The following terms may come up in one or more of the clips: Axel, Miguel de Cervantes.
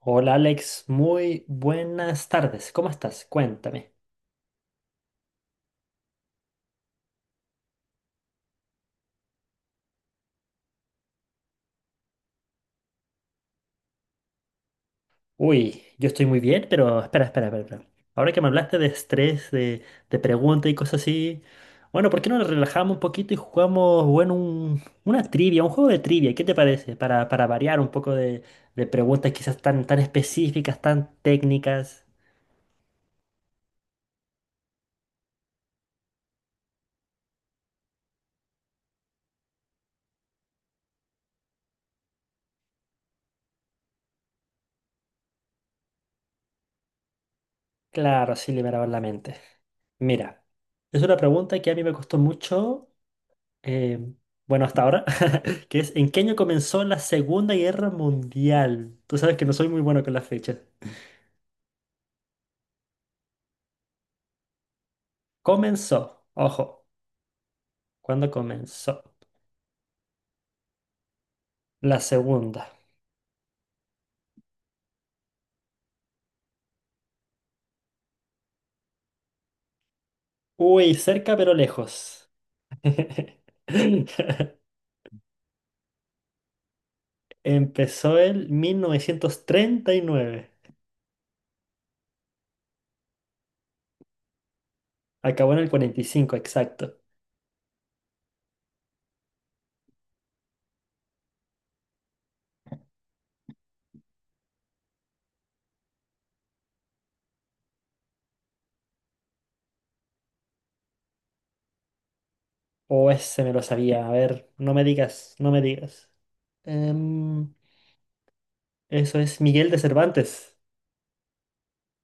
Hola Alex, muy buenas tardes. ¿Cómo estás? Cuéntame. Uy, yo estoy muy bien, pero espera, espera, espera, espera. Ahora que me hablaste de estrés, de preguntas y cosas así, bueno, ¿por qué no nos relajamos un poquito y jugamos, bueno, una trivia, un juego de trivia? ¿Qué te parece? Para variar un poco de preguntas quizás tan, tan específicas, tan técnicas. Claro, sí, liberaba la mente. Mira, es una pregunta que a mí me costó mucho eh, bueno, hasta ahora, que es ¿en qué año comenzó la Segunda Guerra Mundial? Tú sabes que no soy muy bueno con las fechas. Comenzó, ojo, ¿cuándo comenzó? La segunda. Uy, cerca pero lejos. Empezó en 1939. Acabó en el 45, exacto. O ese me lo sabía. A ver, no me digas, no me digas. Em, eso es Miguel de Cervantes.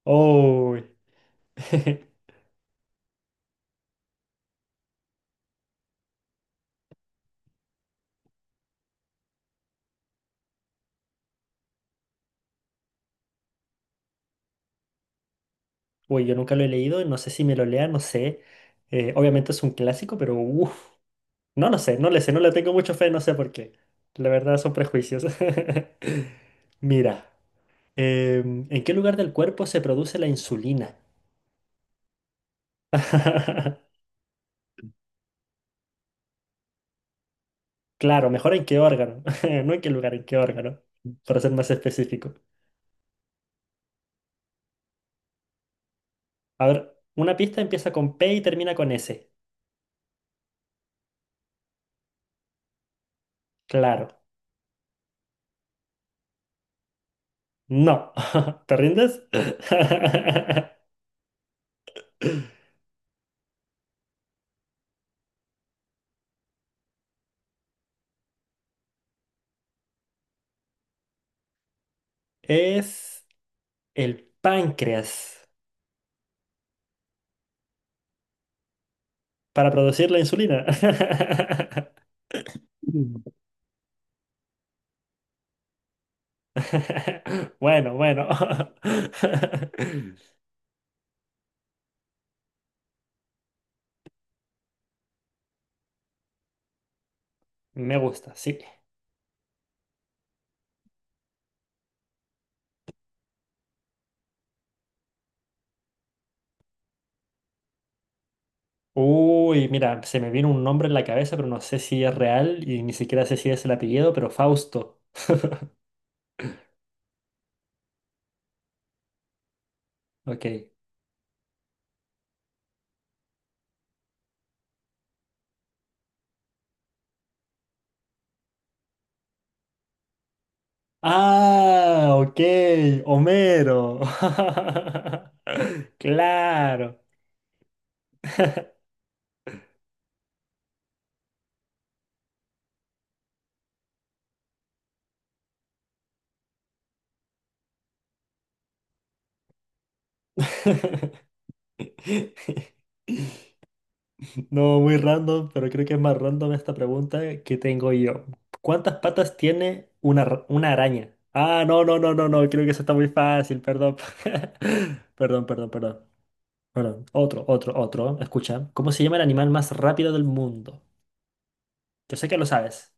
Oh. Uy, yo nunca lo he leído, no sé si me lo lea, no sé. Obviamente es un clásico, pero uff, no lo sé, no le tengo mucho fe, no sé por qué. La verdad son prejuicios. Mira, ¿en qué lugar del cuerpo se produce la insulina? Claro, mejor en qué órgano, no en qué lugar, en qué órgano, para ser más específico. A ver, una pista empieza con P y termina con S. Claro, no. ¿Te rindes? Es el páncreas, para producir la insulina. Mm. Bueno, bueno. Me gusta, sí. Uy, mira, se me vino un nombre en la cabeza, pero no sé si es real y ni siquiera sé si es el apellido, pero Fausto. Ok. Ah, ok, Homero. Claro. No, muy random, pero creo que es más random esta pregunta que tengo yo. ¿Cuántas patas tiene una araña? Ah, no, no, no, no, no, creo que eso está muy fácil, perdón. Perdón, perdón, perdón. Perdón, otro, otro, otro. Escucha, ¿cómo se llama el animal más rápido del mundo? Yo sé que lo sabes.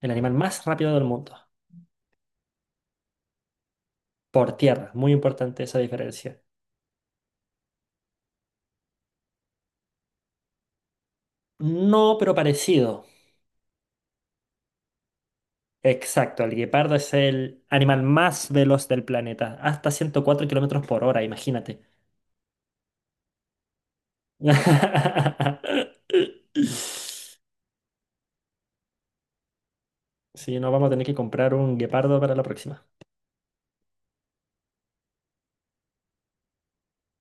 El animal más rápido del mundo. Por tierra, muy importante esa diferencia. No, pero parecido. Exacto, el guepardo es el animal más veloz del planeta, hasta 104 kilómetros por hora, imagínate. Sí, no vamos a tener que comprar un guepardo para la próxima.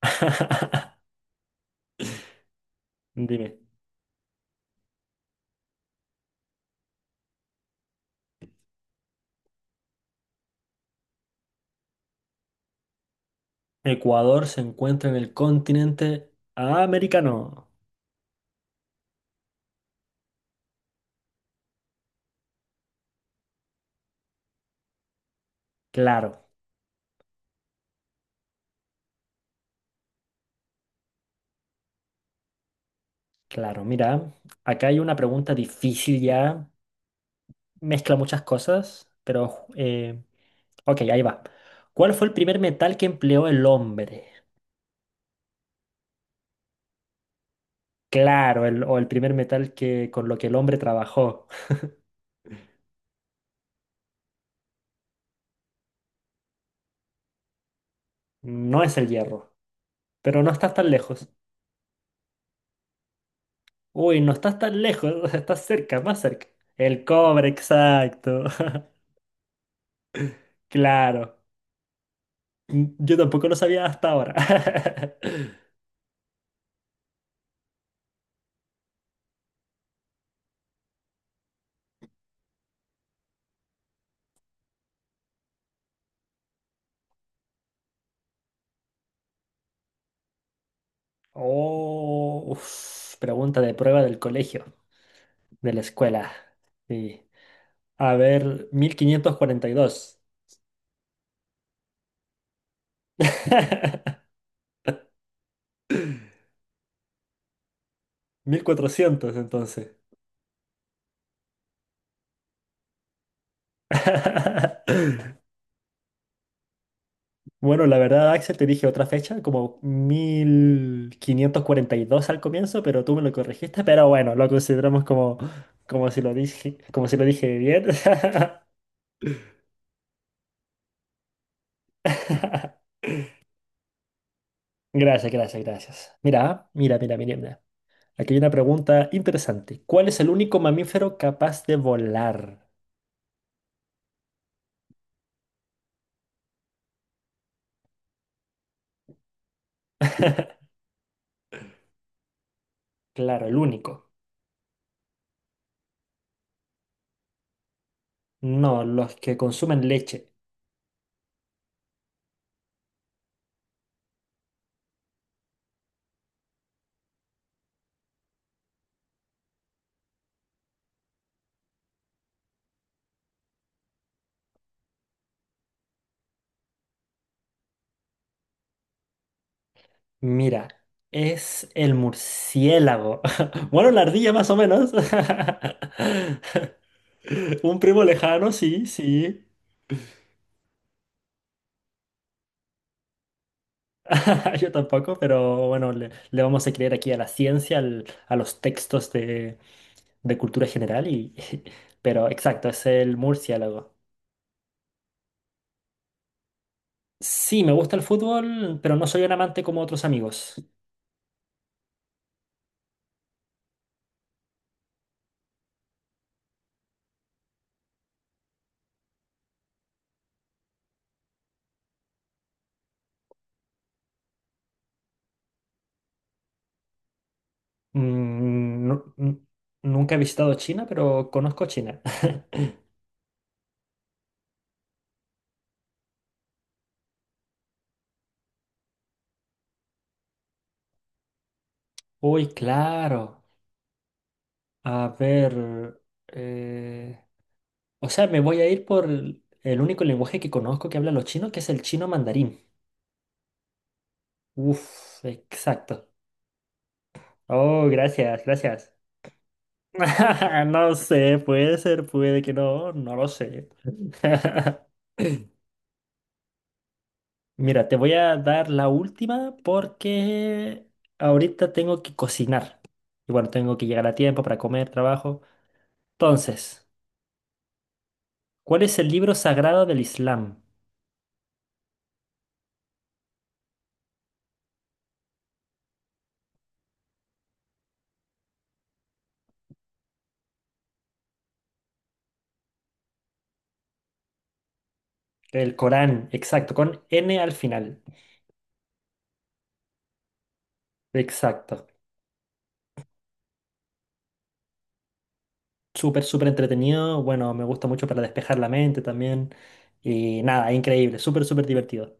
Dime, ¿Ecuador se encuentra en el continente americano? Claro, claro. Mira, acá hay una pregunta difícil ya, mezcla muchas cosas, pero ok, ahí va. ¿Cuál fue el primer metal que empleó el hombre? Claro, el- o el primer metal que, con lo que el hombre trabajó. No es el hierro, pero no estás tan lejos. Uy, no estás tan lejos, o estás cerca, más cerca. El cobre, exacto. Claro. Mm, yo tampoco lo sabía hasta ahora. Oh, uf, pregunta de prueba del colegio, de la escuela. Sí. A ver, 1542, 1400 entonces. Bueno, la verdad, Axel, te dije otra fecha, como 1542 al comienzo, pero tú me lo corregiste, pero bueno, lo consideramos como si lo dije, como si lo dije bien. Gracias, gracias, gracias. Mira, mira, mira, mira, mira. Aquí hay una pregunta interesante. ¿Cuál es el único mamífero capaz de volar? Claro, el único. No, los que consumen leche. Mira, es el murciélago. Bueno, la ardilla más o menos. Un primo lejano, sí, sí. Yo tampoco, pero bueno, le vamos a creer aquí a la ciencia, a los textos de cultura general y... Pero exacto, es el murciélago. Sí, me gusta el fútbol, pero no soy un amante como otros amigos. Mm, nu- nu- nunca he visitado China, pero conozco China. Uy, claro. A ver, eh, o sea, me voy a ir por el único lenguaje que conozco que hablan los chinos, que es el chino mandarín. Uf, exacto. Oh, gracias, gracias. No sé, puede ser, puede que no, no lo sé. Mira, te voy a dar la última porque ahorita tengo que cocinar. Y bueno, tengo que llegar a tiempo para comer, trabajo. Entonces, ¿cuál es el libro sagrado del Islam? El Corán, exacto, con N al final. Exacto. Súper, súper entretenido. Bueno, me gusta mucho para despejar la mente también. Y nada, increíble, súper, súper divertido.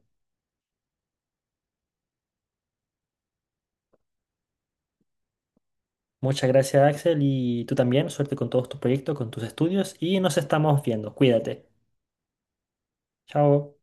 Muchas gracias, Axel, y tú también. Suerte con todos tus proyectos, con tus estudios, y nos estamos viendo. Cuídate. Chao.